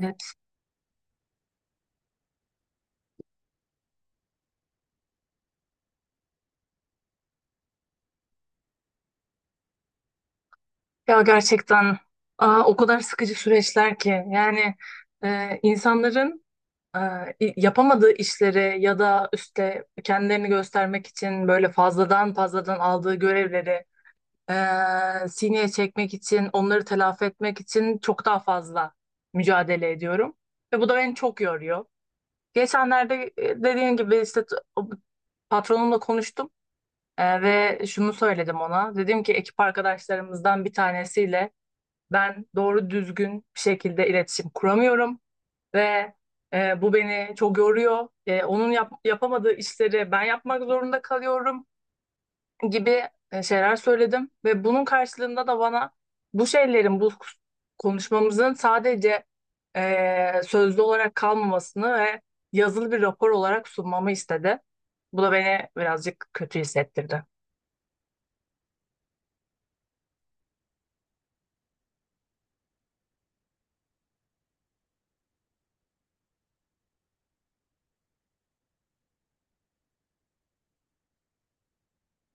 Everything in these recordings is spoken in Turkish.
Evet. Ya gerçekten o kadar sıkıcı süreçler ki yani insanların e, yapamadığı işleri ya da işte kendilerini göstermek için böyle fazladan fazladan aldığı görevleri sineye çekmek için onları telafi etmek için çok daha fazla mücadele ediyorum ve bu da beni çok yoruyor. Geçenlerde dediğim gibi işte patronumla konuştum, ve şunu söyledim, ona dedim ki ekip arkadaşlarımızdan bir tanesiyle ben doğru düzgün bir şekilde iletişim kuramıyorum ve bu beni çok yoruyor. Onun yapamadığı işleri ben yapmak zorunda kalıyorum gibi şeyler söyledim, ve bunun karşılığında da bana bu şeylerin, bu konuşmamızın sadece sözlü olarak kalmamasını ve yazılı bir rapor olarak sunmamı istedi. Bu da beni birazcık kötü hissettirdi.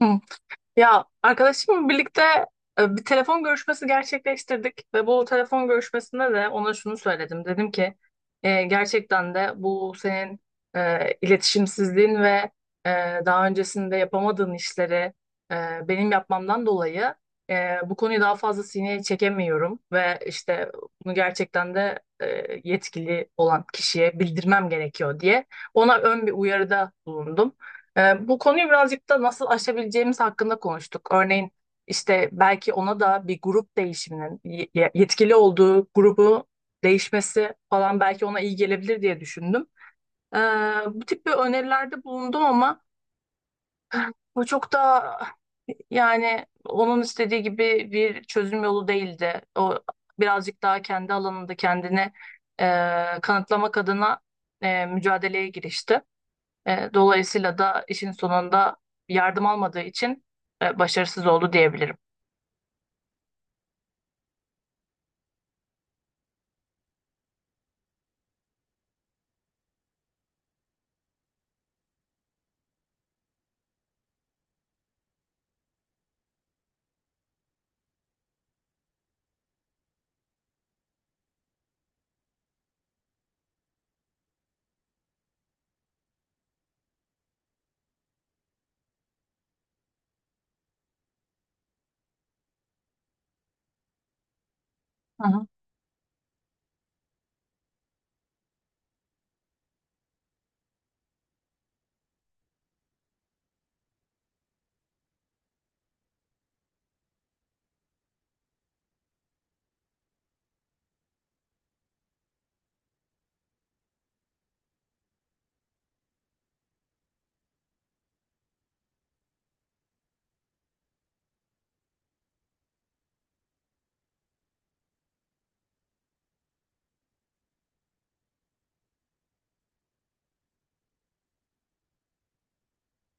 Hı. Ya arkadaşımla birlikte bir telefon görüşmesi gerçekleştirdik ve bu telefon görüşmesinde de ona şunu söyledim. Dedim ki: Gerçekten de bu senin iletişimsizliğin ve e, daha öncesinde yapamadığın işleri e, benim yapmamdan dolayı bu konuyu daha fazla sineye çekemiyorum ve işte bunu gerçekten de yetkili olan kişiye bildirmem gerekiyor," diye ona ön bir uyarıda bulundum. Bu konuyu birazcık da nasıl aşabileceğimiz hakkında konuştuk. Örneğin işte belki ona da bir grup değişiminin yetkili olduğu grubu değişmesi falan belki ona iyi gelebilir diye düşündüm. Ee, Bu tip bir önerilerde bulundum ama bu çok da, yani onun istediği gibi bir çözüm yolu değildi. O birazcık daha kendi alanında kendini e, kanıtlamak adına mücadeleye girişti. Dolayısıyla da işin sonunda yardım almadığı için başarısız oldu diyebilirim. Hı hı.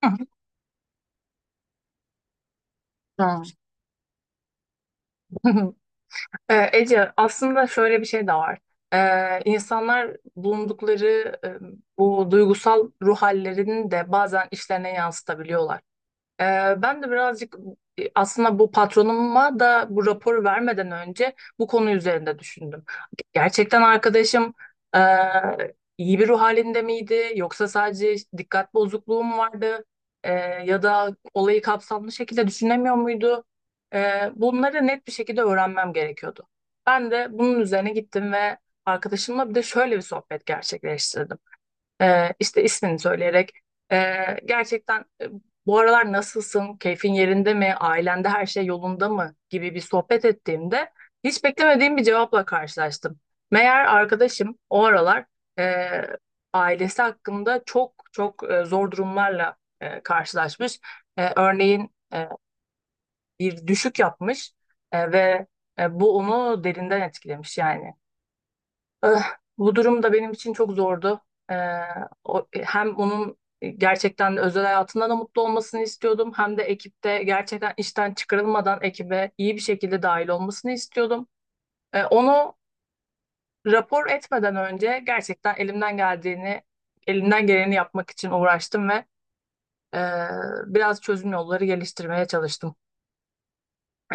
Hı hı. Doğru. Ece, aslında şöyle bir şey de var. İnsanlar bulundukları e, bu duygusal ruh hallerini de bazen işlerine yansıtabiliyorlar. Ee, Ben de birazcık aslında bu patronuma da bu raporu vermeden önce bu konu üzerinde düşündüm. Gerçekten arkadaşım e, iyi bir ruh halinde miydi yoksa sadece dikkat bozukluğu mu vardı? E, Ya da olayı kapsamlı şekilde düşünemiyor muydu? Bunları net bir şekilde öğrenmem gerekiyordu. Ben de bunun üzerine gittim ve arkadaşımla bir de şöyle bir sohbet gerçekleştirdim. İşte ismini söyleyerek gerçekten bu aralar nasılsın, keyfin yerinde mi, ailende her şey yolunda mı gibi bir sohbet ettiğimde hiç beklemediğim bir cevapla karşılaştım. Meğer arkadaşım o aralar ee, ailesi hakkında çok çok zor durumlarla karşılaşmış. Örneğin bir düşük yapmış, ve bu onu derinden etkilemiş yani. Eh, Bu durum da benim için çok zordu. Eh, O, hem onun gerçekten özel hayatında da mutlu olmasını istiyordum, hem de ekipte gerçekten işten çıkarılmadan ekibe iyi bir şekilde dahil olmasını istiyordum. Onu rapor etmeden önce gerçekten elimden geldiğini, elimden geleni yapmak için uğraştım ve eh, biraz çözüm yolları geliştirmeye çalıştım.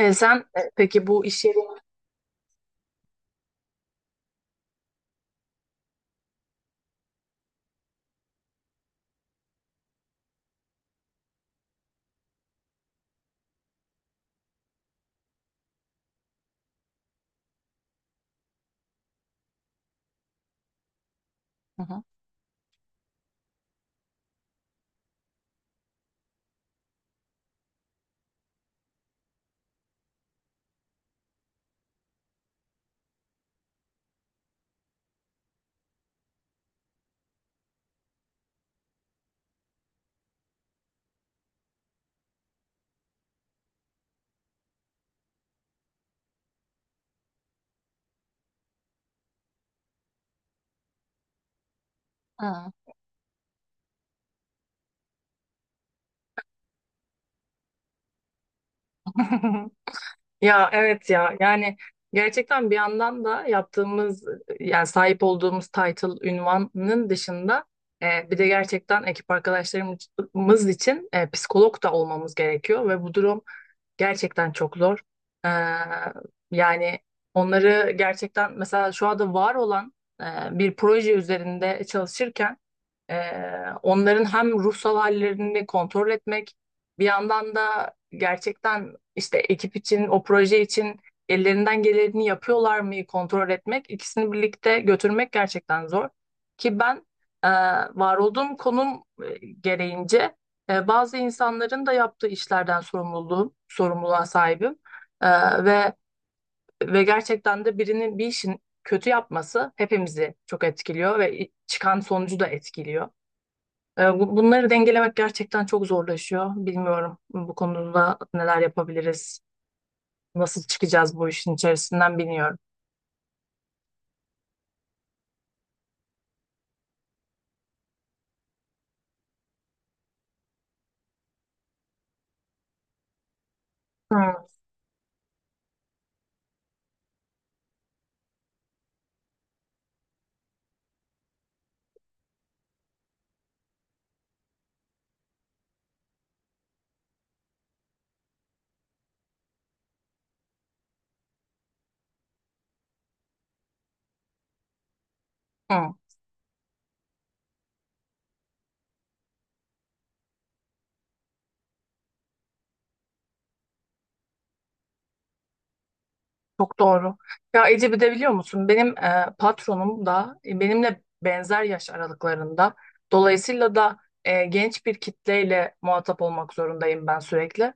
Sen peki bu iş yeri. Hı hı. Hı. Ya evet ya yani gerçekten bir yandan da yaptığımız, yani sahip olduğumuz title ünvanının dışında bir de gerçekten ekip arkadaşlarımız için psikolog da olmamız gerekiyor ve bu durum gerçekten çok zor. Ee, Yani onları gerçekten mesela şu anda var olan e, bir proje üzerinde çalışırken ee, onların hem ruhsal hallerini kontrol etmek, bir yandan da gerçekten işte ekip için, o proje için ellerinden geleni yapıyorlar mı kontrol etmek, ikisini birlikte götürmek gerçekten zor. Ki ben e, var olduğum konum gereğince bazı insanların da yaptığı işlerden sorumluluğa sahibim. E, ve ve gerçekten de birinin bir işin kötü yapması hepimizi çok etkiliyor ve çıkan sonucu da etkiliyor. Bunları dengelemek gerçekten çok zorlaşıyor. Bilmiyorum bu konuda neler yapabiliriz, nasıl çıkacağız bu işin içerisinden bilmiyorum. Hı, hı. Çok doğru. Ya Ece, bir de biliyor musun benim patronum da benimle benzer yaş aralıklarında. Dolayısıyla da genç bir kitleyle muhatap olmak zorundayım ben sürekli.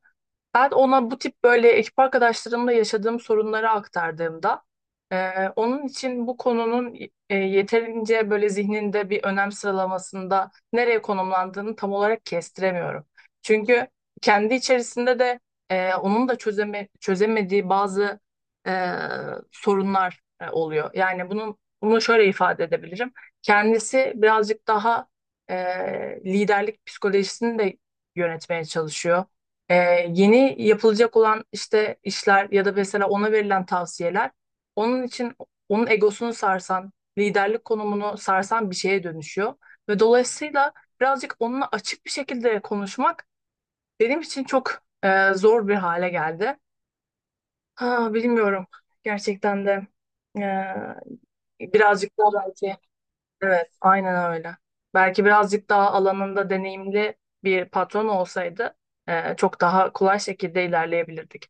Ben ona bu tip böyle ekip arkadaşlarımla yaşadığım sorunları aktardığımda onun için bu konunun yeterince böyle zihninde bir önem sıralamasında nereye konumlandığını tam olarak kestiremiyorum. Çünkü kendi içerisinde de onun da çözemediği bazı e, sorunlar oluyor. Yani bunu şöyle ifade edebilirim. Kendisi birazcık daha e, liderlik psikolojisini de yönetmeye çalışıyor, ee, yeni yapılacak olan işte işler ya da mesela ona verilen tavsiyeler onun için onun egosunu sarsan, liderlik konumunu sarsan bir şeye dönüşüyor. Ve dolayısıyla birazcık onunla açık bir şekilde konuşmak benim için çok zor bir hale geldi. Ha, bilmiyorum. Gerçekten de birazcık daha belki evet, aynen öyle. Belki birazcık daha alanında deneyimli bir patron olsaydı çok daha kolay şekilde ilerleyebilirdik.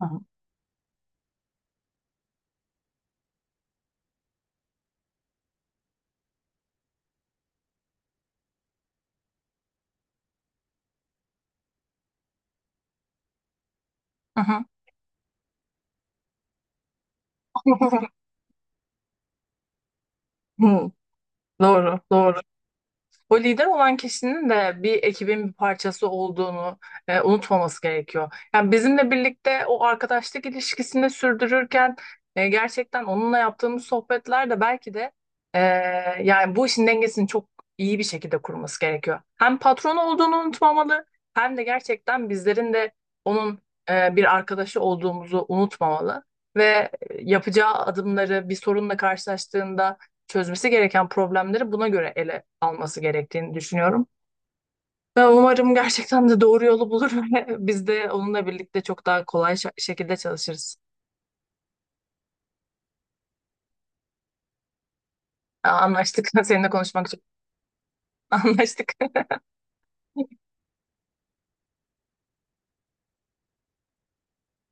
Hı hı. Hı hı. Hı, doğru, doğru. O lider olan kişinin de bir ekibin bir parçası olduğunu unutmaması gerekiyor. Yani bizimle birlikte o arkadaşlık ilişkisini sürdürürken gerçekten onunla yaptığımız sohbetler de belki de e, yani bu işin dengesini çok iyi bir şekilde kurması gerekiyor. Hem patron olduğunu unutmamalı, hem de gerçekten bizlerin de onun bir arkadaşı olduğumuzu unutmamalı ve yapacağı adımları, bir sorunla karşılaştığında çözmesi gereken problemleri buna göre ele alması gerektiğini düşünüyorum. Ve umarım gerçekten de doğru yolu bulur ve biz de onunla birlikte çok daha kolay şekilde çalışırız. Anlaştık. Seninle konuşmak için anlaştık.